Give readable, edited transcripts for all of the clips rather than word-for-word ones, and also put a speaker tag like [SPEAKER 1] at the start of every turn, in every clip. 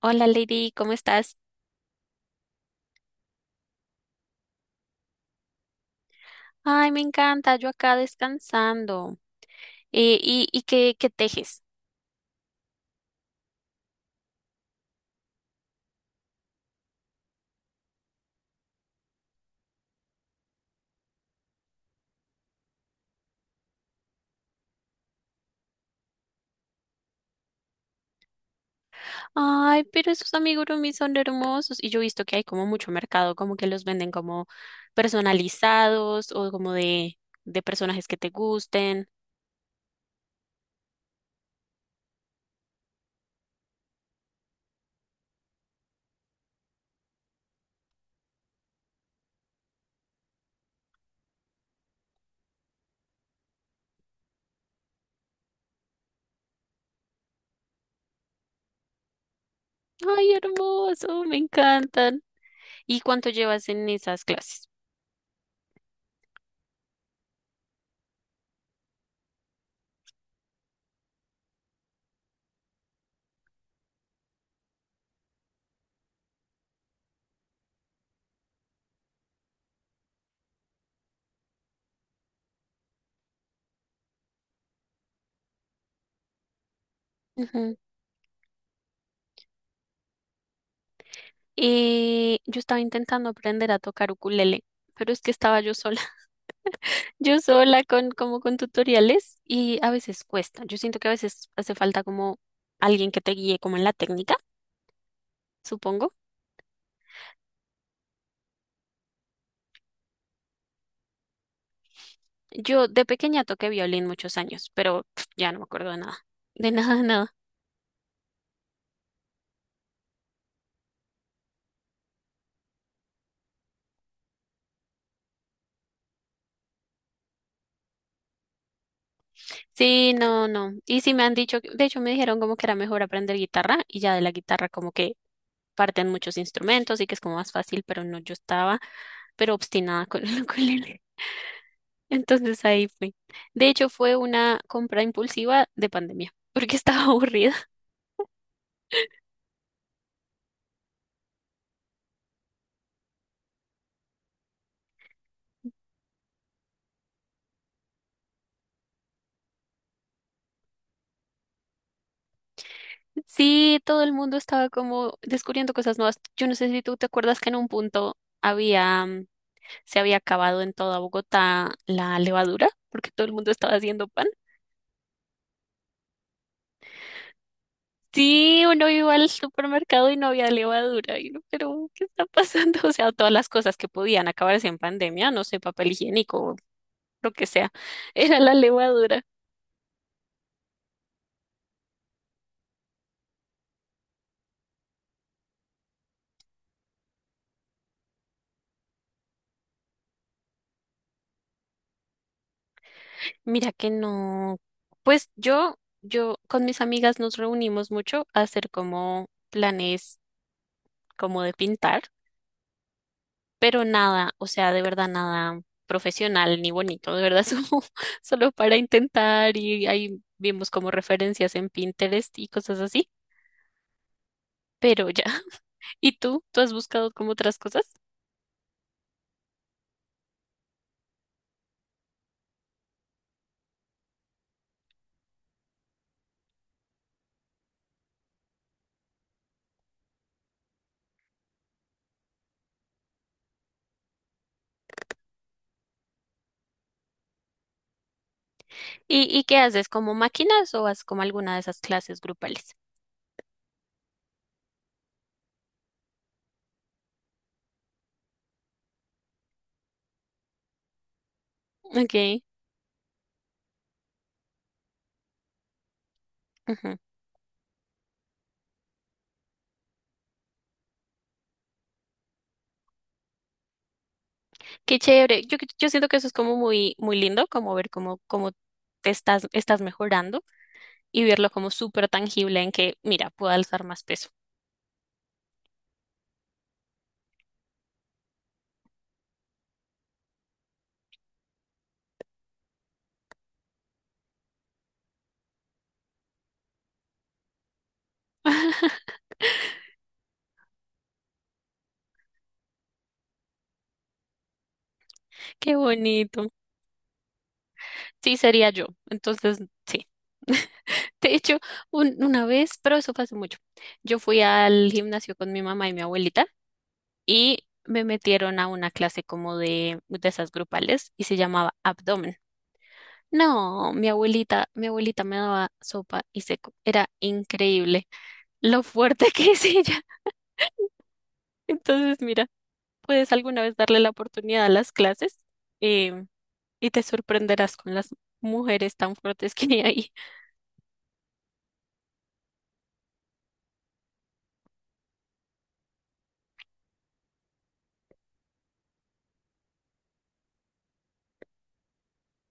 [SPEAKER 1] Hola Lady, ¿cómo estás? Ay, me encanta, yo acá descansando. ¿Y qué tejes? Ay, pero esos amigurumis son hermosos. Y yo he visto que hay como mucho mercado, como que los venden como personalizados o como de personajes que te gusten. Ay, hermoso, me encantan. ¿Y cuánto llevas en esas clases? Ujú. Yo estaba intentando aprender a tocar ukulele, pero es que estaba yo sola. Yo sola con como con tutoriales y a veces cuesta. Yo siento que a veces hace falta como alguien que te guíe como en la técnica, supongo. Yo de pequeña toqué violín muchos años, pero pf, ya no me acuerdo de nada. De nada, nada. Sí, no, no. Y sí me han dicho, de hecho me dijeron como que era mejor aprender guitarra y ya de la guitarra como que parten muchos instrumentos y que es como más fácil, pero no, yo estaba pero obstinada con el ukulele. Entonces ahí fui. De hecho fue una compra impulsiva de pandemia, porque estaba aburrida. Sí, todo el mundo estaba como descubriendo cosas nuevas. Yo no sé si tú te acuerdas que en un punto había, se había acabado en toda Bogotá la levadura, porque todo el mundo estaba haciendo pan. Sí, uno iba al supermercado y no había levadura. Y uno, pero ¿qué está pasando? O sea, todas las cosas que podían acabarse en pandemia, no sé, papel higiénico, lo que sea, era la levadura. Mira que no. Pues yo con mis amigas nos reunimos mucho a hacer como planes como de pintar. Pero nada, o sea, de verdad nada profesional ni bonito, de verdad, solo para intentar y ahí vimos como referencias en Pinterest y cosas así, pero ya. ¿Y tú? ¿Tú has buscado como otras cosas? ¿Y qué haces? ¿Como máquinas o haces como alguna de esas clases grupales? Ok. Ujú. Qué chévere. Yo siento que eso es como muy, muy lindo, como ver cómo te estás mejorando y verlo como súper tangible en que, mira, puedo alzar más peso. Qué bonito. Sí, sería yo. Entonces, sí. De hecho, una vez, pero eso fue hace mucho, yo fui al gimnasio con mi mamá y mi abuelita y me metieron a una clase como de esas grupales y se llamaba abdomen. No, mi abuelita me daba sopa y seco. Era increíble lo fuerte que es ella. Entonces, mira. Puedes alguna vez darle la oportunidad a las clases, em, y te sorprenderás con las mujeres tan fuertes que hay ahí.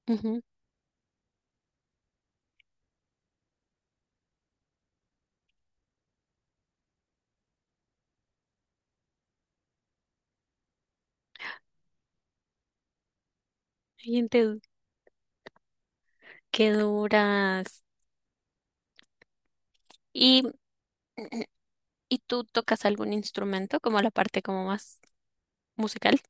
[SPEAKER 1] Ujú. Ay, qué duras. ¿Y, y tú tocas algún instrumento como la parte como más musical?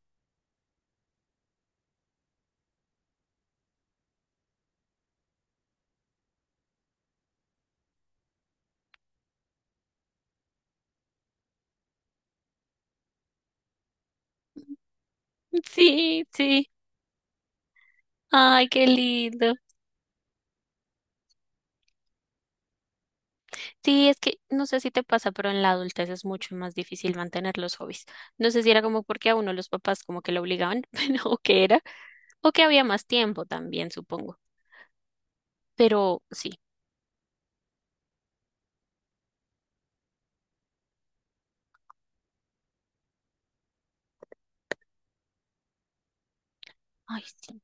[SPEAKER 1] Sí, sí. Ay, qué lindo. Sí, es que no sé si te pasa, pero en la adultez es mucho más difícil mantener los hobbies. No sé si era como porque a uno los papás como que lo obligaban, pero, o que era, o que había más tiempo también, supongo. Pero sí. Ay, sí.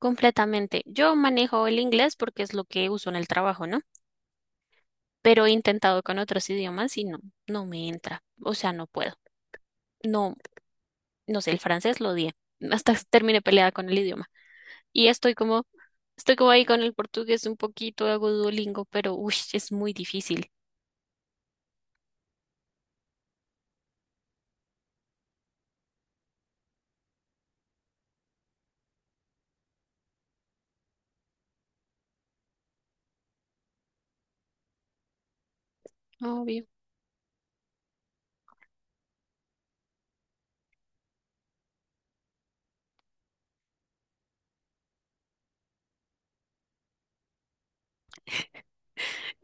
[SPEAKER 1] Completamente. Yo manejo el inglés porque es lo que uso en el trabajo, ¿no? Pero he intentado con otros idiomas y no, no me entra. O sea, no puedo. No, no sé, el francés lo odié. Hasta terminé peleada con el idioma. Y estoy como, Estoy como ahí con el portugués un poquito, hago Duolingo, pero uy, es muy difícil. Obvio.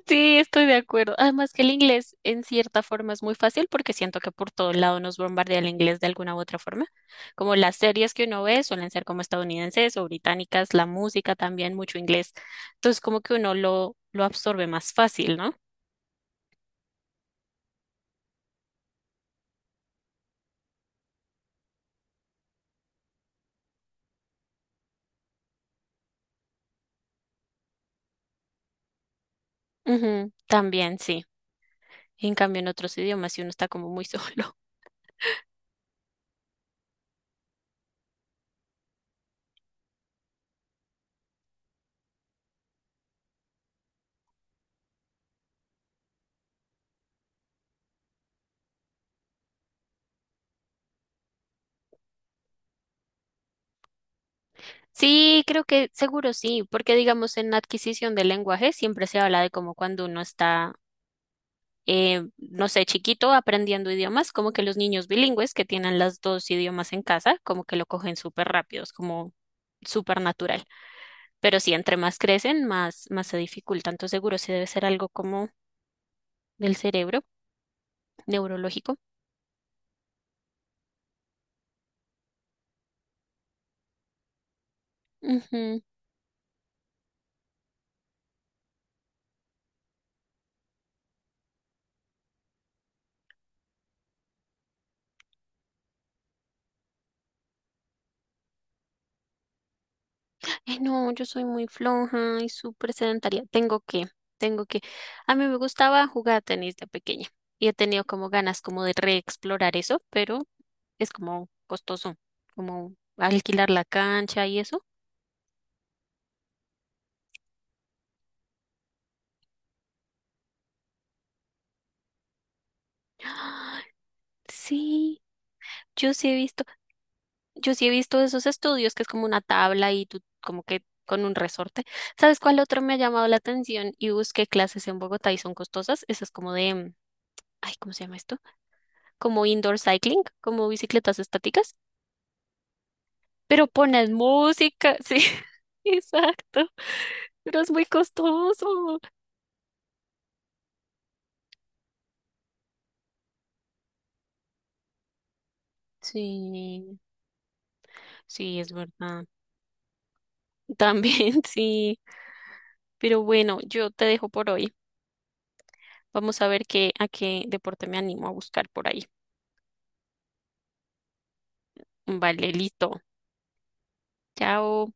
[SPEAKER 1] Sí, estoy de acuerdo. Además que el inglés en cierta forma es muy fácil porque siento que por todo lado nos bombardea el inglés de alguna u otra forma. Como las series que uno ve suelen ser como estadounidenses o británicas, la música también mucho inglés. Entonces como que uno lo absorbe más fácil, ¿no? Ujú, también, sí. En cambio en otros idiomas si uno está como muy solo. Sí, creo que seguro sí, porque digamos en adquisición de lenguaje siempre se habla de como cuando uno está, no sé, chiquito aprendiendo idiomas, como que los niños bilingües que tienen las dos idiomas en casa, como que lo cogen súper rápido, es como súper natural. Pero sí, entre más crecen, más se dificulta. Entonces seguro sí debe ser algo como del cerebro neurológico. Ay, no, yo soy muy floja y súper sedentaria. Tengo que. A mí me gustaba jugar tenis de pequeña y he tenido como ganas como de reexplorar eso, pero es como costoso, como alquilar la cancha y eso. ¡Ah! Sí, yo sí he visto, yo sí he visto esos estudios que es como una tabla y tú como que con un resorte. ¿Sabes cuál otro me ha llamado la atención? Y busqué clases en Bogotá y son costosas. Esas como de, ay, ¿cómo se llama esto? Como indoor cycling, como bicicletas estáticas, pero ponen música, sí, exacto, pero es muy costoso. Sí, sí, es verdad. También sí, pero bueno, yo te dejo por hoy. Vamos a ver a qué deporte me animo a buscar por ahí. Vale, listo. Chao.